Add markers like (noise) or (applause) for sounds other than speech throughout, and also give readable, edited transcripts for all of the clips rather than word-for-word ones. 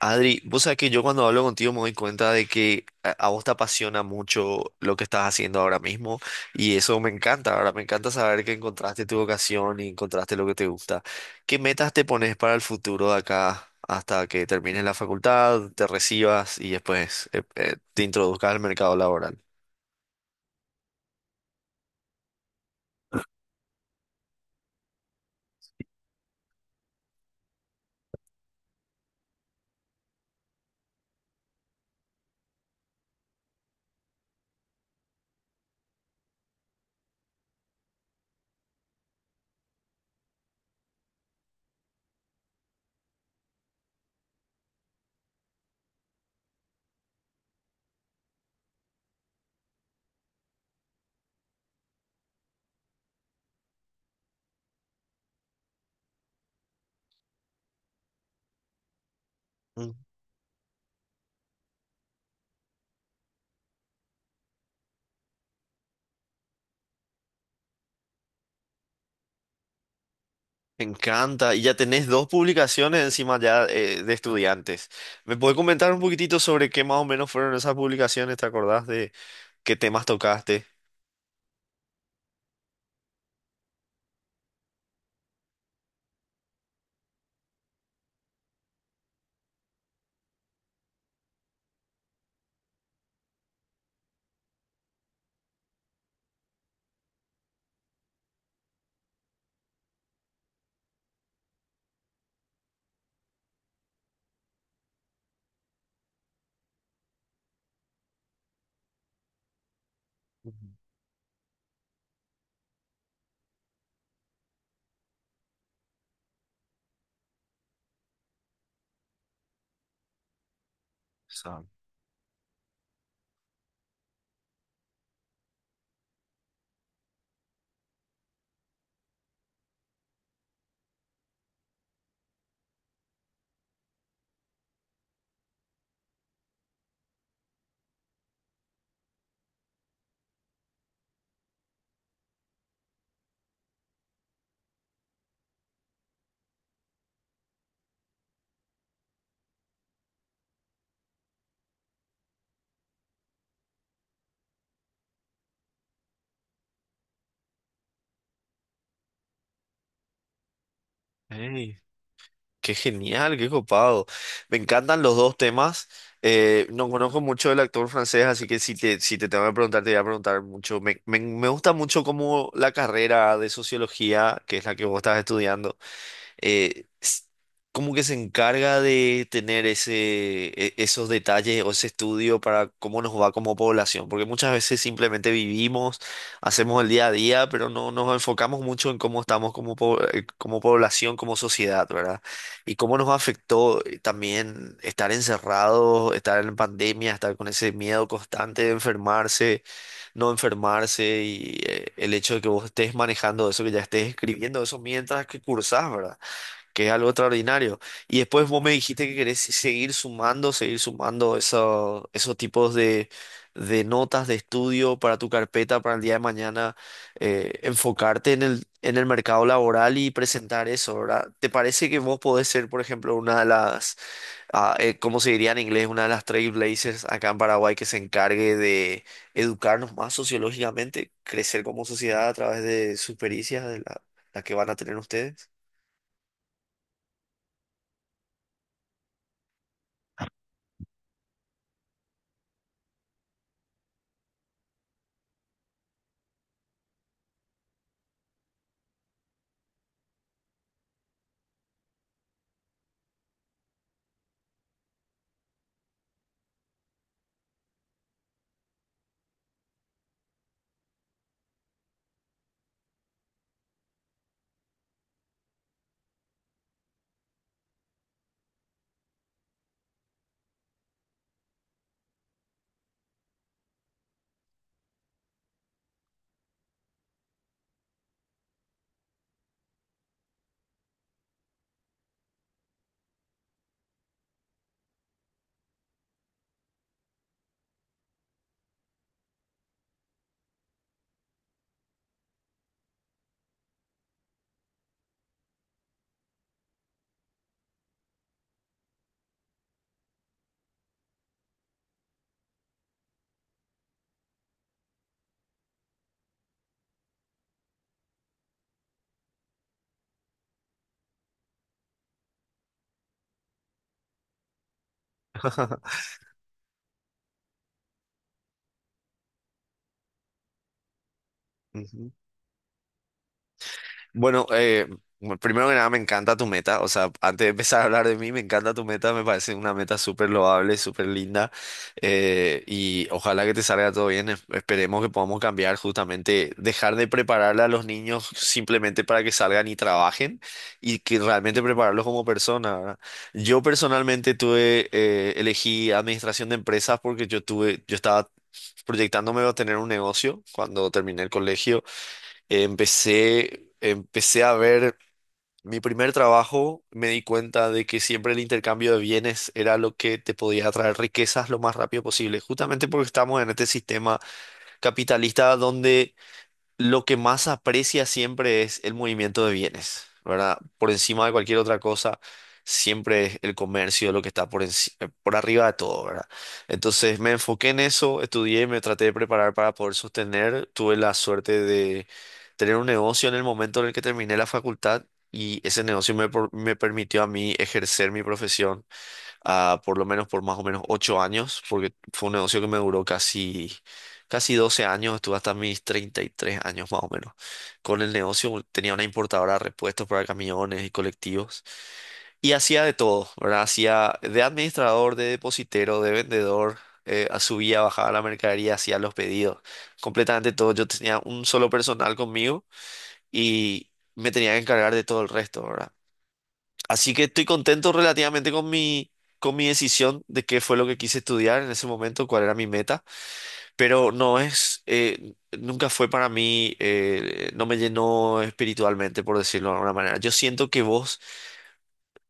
Adri, vos sabés que yo cuando hablo contigo me doy cuenta de que a vos te apasiona mucho lo que estás haciendo ahora mismo, y eso me encanta. Ahora me encanta saber que encontraste tu vocación y encontraste lo que te gusta. ¿Qué metas te pones para el futuro de acá hasta que termines la facultad, te recibas y después te introduzcas al mercado laboral? Mm. Me encanta. Y ya tenés dos publicaciones encima ya, de estudiantes. ¿Me puedes comentar un poquitito sobre qué más o menos fueron esas publicaciones? ¿Te acordás de qué temas tocaste? Ujú. Sam. Ey, qué genial, qué copado. Me encantan los dos temas. No conozco mucho del actor francés, así que si te tengo que preguntar, te voy a preguntar mucho. Me gusta mucho como la carrera de sociología, que es la que vos estás estudiando. eh, s- Como que se encarga de tener ese, esos detalles o ese estudio para cómo nos va como población, porque muchas veces simplemente vivimos, hacemos el día a día, pero no nos enfocamos mucho en cómo estamos como, como población, como sociedad, ¿verdad? Y cómo nos afectó, también estar encerrados, estar en pandemia, estar con ese miedo constante de enfermarse, no enfermarse. Y el hecho de que vos estés manejando eso, que ya estés escribiendo eso mientras que cursás, ¿verdad? Que es algo extraordinario. Y después vos me dijiste que querés seguir sumando esos tipos de notas de estudio para tu carpeta para el día de mañana, enfocarte en en el mercado laboral y presentar eso, ¿verdad? ¿Te parece que vos podés ser, por ejemplo, una de las, ¿cómo se diría en inglés? Una de las trailblazers acá en Paraguay que se encargue de educarnos más sociológicamente, crecer como sociedad a través de sus pericias, de la, la que van a tener ustedes? (laughs) Ujú. Bueno, bueno, primero que nada, me encanta tu meta. O sea, antes de empezar a hablar de mí, me encanta tu meta. Me parece una meta súper loable, súper linda. Y ojalá que te salga todo bien. Esperemos que podamos cambiar justamente, dejar de prepararle a los niños simplemente para que salgan y trabajen, y que realmente prepararlos como personas, ¿verdad? Yo personalmente tuve, elegí administración de empresas porque yo tuve, yo estaba proyectándome a tener un negocio cuando terminé el colegio. Empecé a ver mi primer trabajo, me di cuenta de que siempre el intercambio de bienes era lo que te podía traer riquezas lo más rápido posible, justamente porque estamos en este sistema capitalista donde lo que más aprecia siempre es el movimiento de bienes, ¿verdad? Por encima de cualquier otra cosa, siempre es el comercio lo que está por arriba de todo, ¿verdad? Entonces me enfoqué en eso, estudié, me traté de preparar para poder sostener. Tuve la suerte de tener un negocio en el momento en el que terminé la facultad, y ese negocio me, me permitió a mí ejercer mi profesión, ah, por lo menos por más o menos 8 años, porque fue un negocio que me duró casi, casi 12 años, estuve hasta mis 33 años más o menos. Con el negocio tenía una importadora de repuestos para camiones y colectivos, y hacía de todo, ¿verdad? Hacía de administrador, de depositero, de vendedor. Subía, bajaba la mercadería, hacía los pedidos, completamente todo. Yo tenía un solo personal conmigo, y me tenía que encargar de todo el resto, ¿verdad? Así que estoy contento relativamente con mi decisión de qué fue lo que quise estudiar en ese momento, cuál era mi meta, pero no es, nunca fue para mí, no me llenó espiritualmente, por decirlo de alguna manera. Yo siento que vos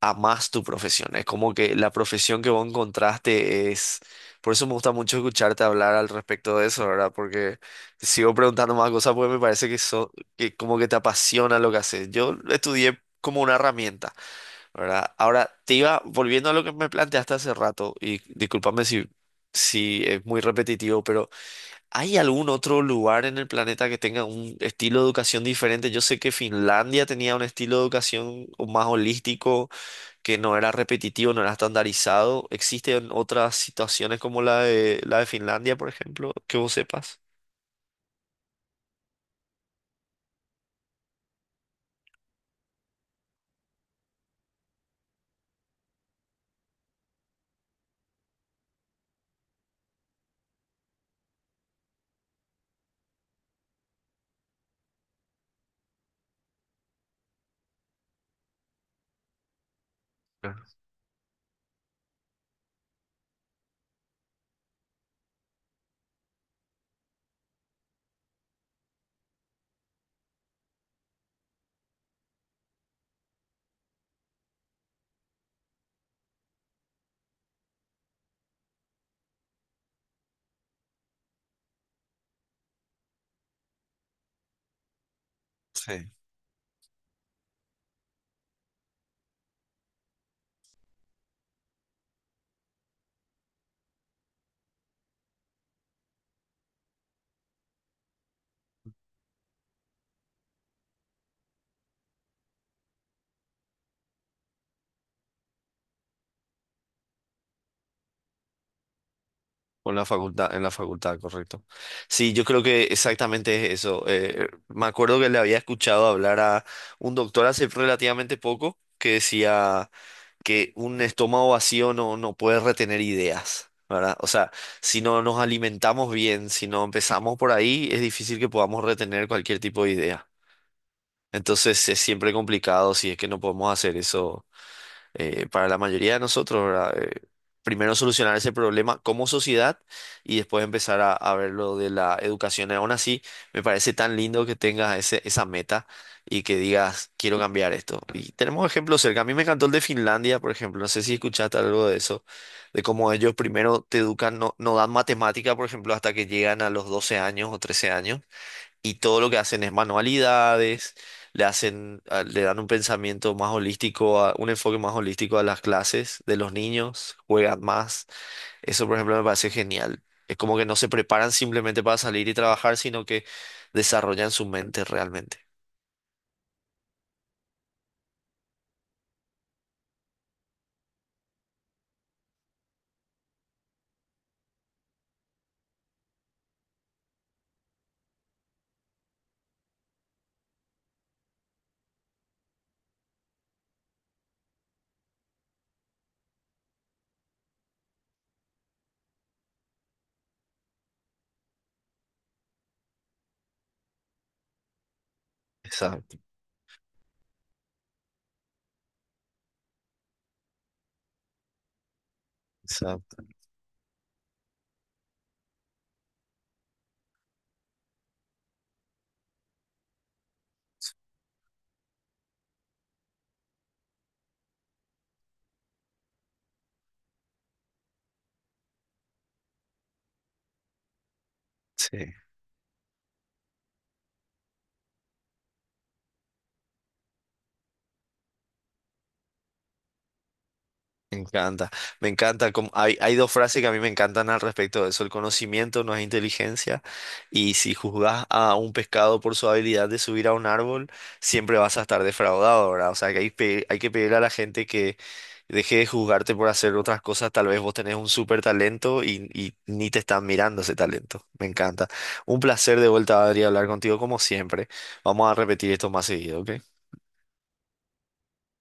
amás tu profesión, es como que la profesión que vos encontraste es, por eso me gusta mucho escucharte hablar al respecto de eso, ¿verdad? Porque te sigo preguntando más cosas porque me parece que, que como que te apasiona lo que haces. Yo estudié como una herramienta, ¿verdad? Ahora, te iba volviendo a lo que me planteaste hace rato, y discúlpame si, si es muy repetitivo, pero ¿hay algún otro lugar en el planeta que tenga un estilo de educación diferente? Yo sé que Finlandia tenía un estilo de educación más holístico, que no era repetitivo, no era estandarizado. ¿Existen otras situaciones como la de Finlandia, por ejemplo, que vos sepas? Con la facultad, en la facultad, correcto. Sí, yo creo que exactamente es eso. Me acuerdo que le había escuchado hablar a un doctor hace relativamente poco que decía que un estómago vacío no, no puede retener ideas, ¿verdad? O sea, si no nos alimentamos bien, si no empezamos por ahí, es difícil que podamos retener cualquier tipo de idea. Entonces es siempre complicado si es que no podemos hacer eso para la mayoría de nosotros, ¿verdad? Primero solucionar ese problema como sociedad y después empezar a ver lo de la educación. Y aún así, me parece tan lindo que tengas ese, esa meta, y que digas, quiero cambiar esto. Y tenemos ejemplos cerca. A mí me encantó el de Finlandia, por ejemplo. No sé si escuchaste algo de eso, de cómo ellos primero te educan, no, no dan matemática, por ejemplo, hasta que llegan a los 12 años o 13 años, y todo lo que hacen es manualidades, le dan un pensamiento más holístico, un enfoque más holístico a las clases de los niños, juegan más. Eso, por ejemplo, me parece genial. Es como que no se preparan simplemente para salir y trabajar, sino que desarrollan su mente realmente. Exacto, exacto. Sí. Me encanta, me encanta. Hay, hay dos frases que a mí me encantan al respecto de eso. El conocimiento no es inteligencia, y si juzgas a un pescado por su habilidad de subir a un árbol, siempre vas a estar defraudado, ¿verdad? O sea, que hay, hay que pedirle a la gente que deje de juzgarte por hacer otras cosas. Tal vez vos tenés un súper talento y ni te están mirando ese talento. Me encanta. Un placer de vuelta, Adri, hablar contigo como siempre. Vamos a repetir esto más seguido, ¿ok?